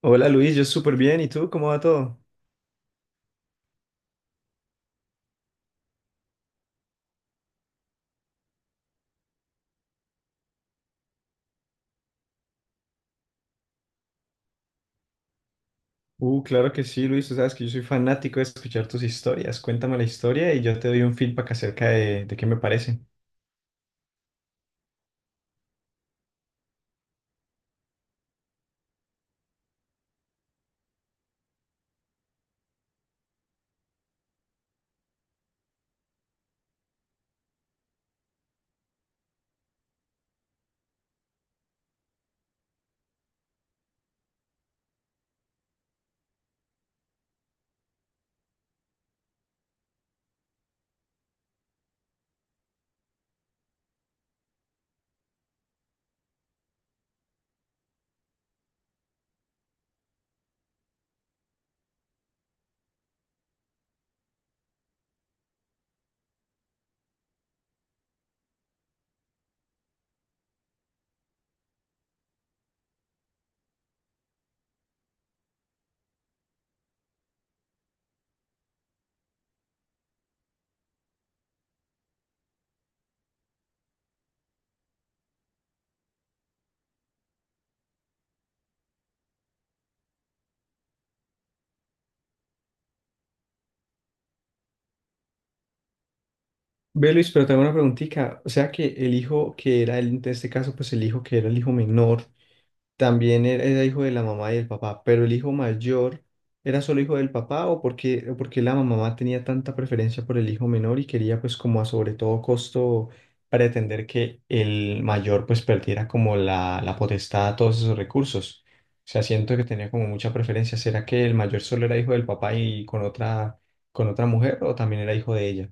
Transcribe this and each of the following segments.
Hola Luis, yo súper bien. ¿Y tú cómo va todo? Claro que sí, Luis. Tú sabes que yo soy fanático de escuchar tus historias. Cuéntame la historia y yo te doy un feedback acerca de qué me parece. Ve Luis, pero tengo una preguntita. O sea que el hijo que era el, en este caso, pues el hijo que era el hijo menor también era hijo de la mamá y del papá, pero el hijo mayor era solo hijo del papá, o porque la mamá tenía tanta preferencia por el hijo menor y quería pues como a sobre todo costo pretender que el mayor pues perdiera como la potestad a todos esos recursos. O sea, siento que tenía como mucha preferencia. ¿Será que el mayor solo era hijo del papá y con con otra mujer, o también era hijo de ella?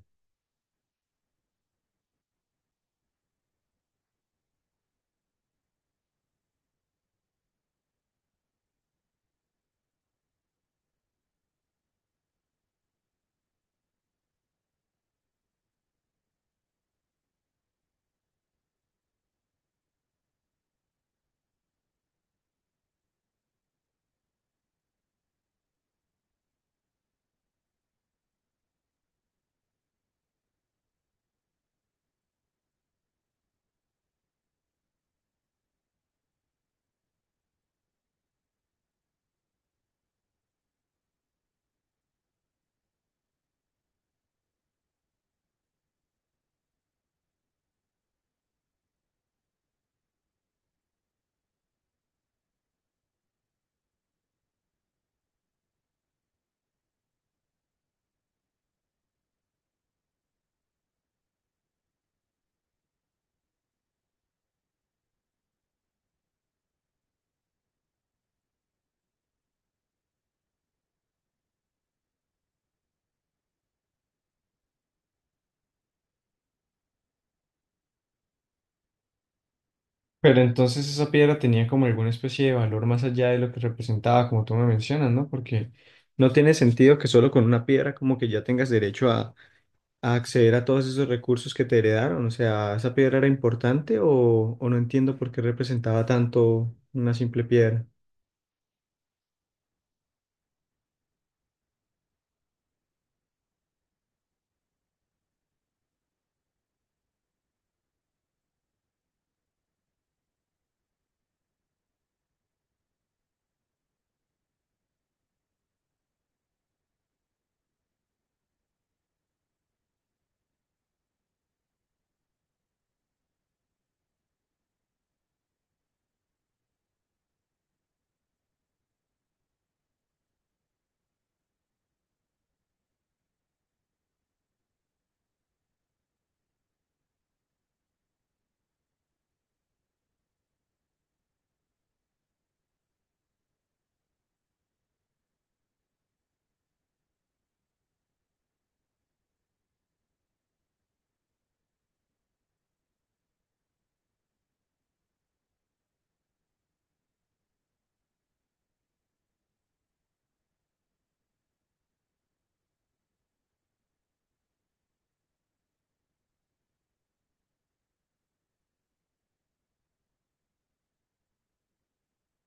Pero entonces esa piedra tenía como alguna especie de valor más allá de lo que representaba, como tú me mencionas, ¿no? Porque no tiene sentido que solo con una piedra como que ya tengas derecho a acceder a todos esos recursos que te heredaron. O sea, ¿esa piedra era importante o no entiendo por qué representaba tanto una simple piedra?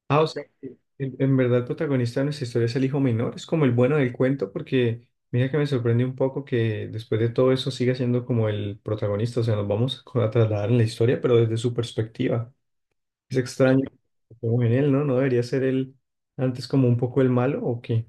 Ah, o sea, que en verdad el protagonista de nuestra historia es el hijo menor, es como el bueno del cuento, porque mira que me sorprende un poco que después de todo eso siga siendo como el protagonista. O sea, nos vamos a trasladar en la historia, pero desde su perspectiva. Es extraño como en él, ¿no? ¿No debería ser él antes como un poco el malo o qué?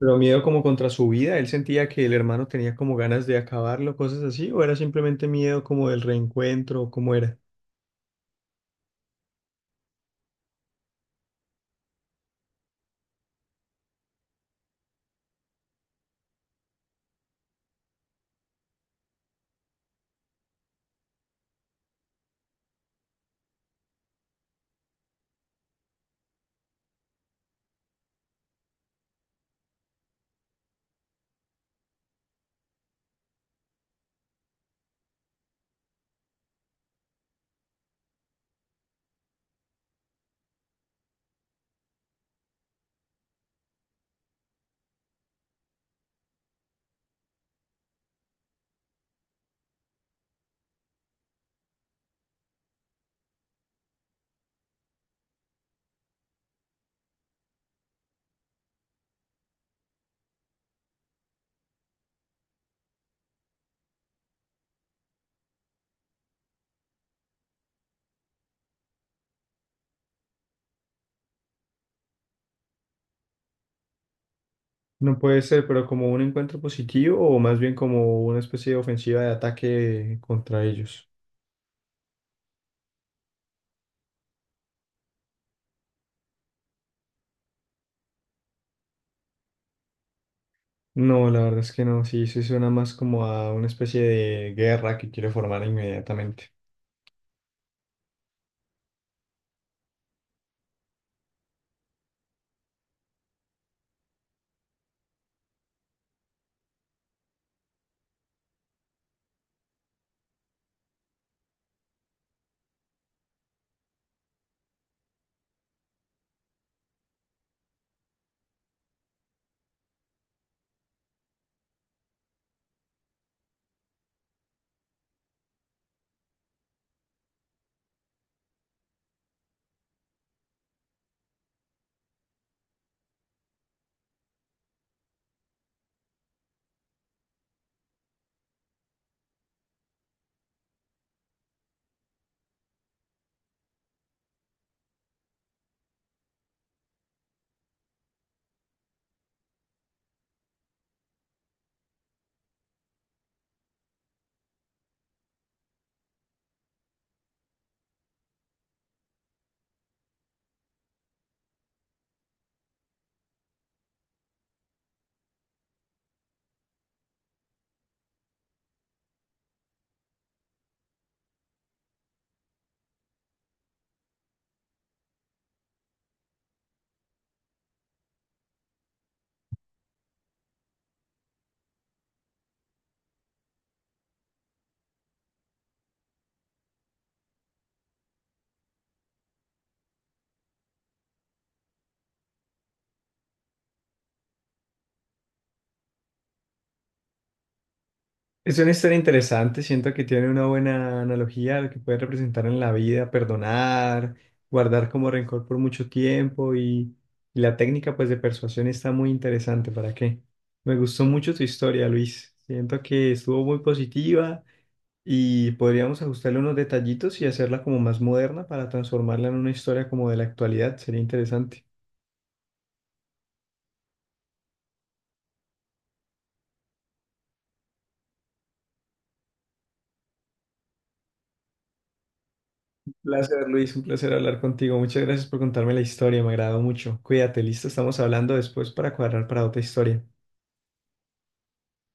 Pero miedo como contra su vida, él sentía que el hermano tenía como ganas de acabarlo, cosas así, ¿o era simplemente miedo como del reencuentro, o cómo era? No puede ser, pero ¿como un encuentro positivo o más bien como una especie de ofensiva de ataque contra ellos? No, la verdad es que no, sí, sí suena más como a una especie de guerra que quiere formar inmediatamente. Es una historia interesante, siento que tiene una buena analogía a lo que puede representar en la vida, perdonar, guardar como rencor por mucho tiempo, y la técnica pues de persuasión está muy interesante, ¿para qué? Me gustó mucho tu historia, Luis. Siento que estuvo muy positiva y podríamos ajustarle unos detallitos y hacerla como más moderna para transformarla en una historia como de la actualidad, sería interesante. Placer, Luis, un placer hablar contigo. Muchas gracias por contarme la historia, me agradó mucho. Cuídate, listo, estamos hablando después para cuadrar para otra historia.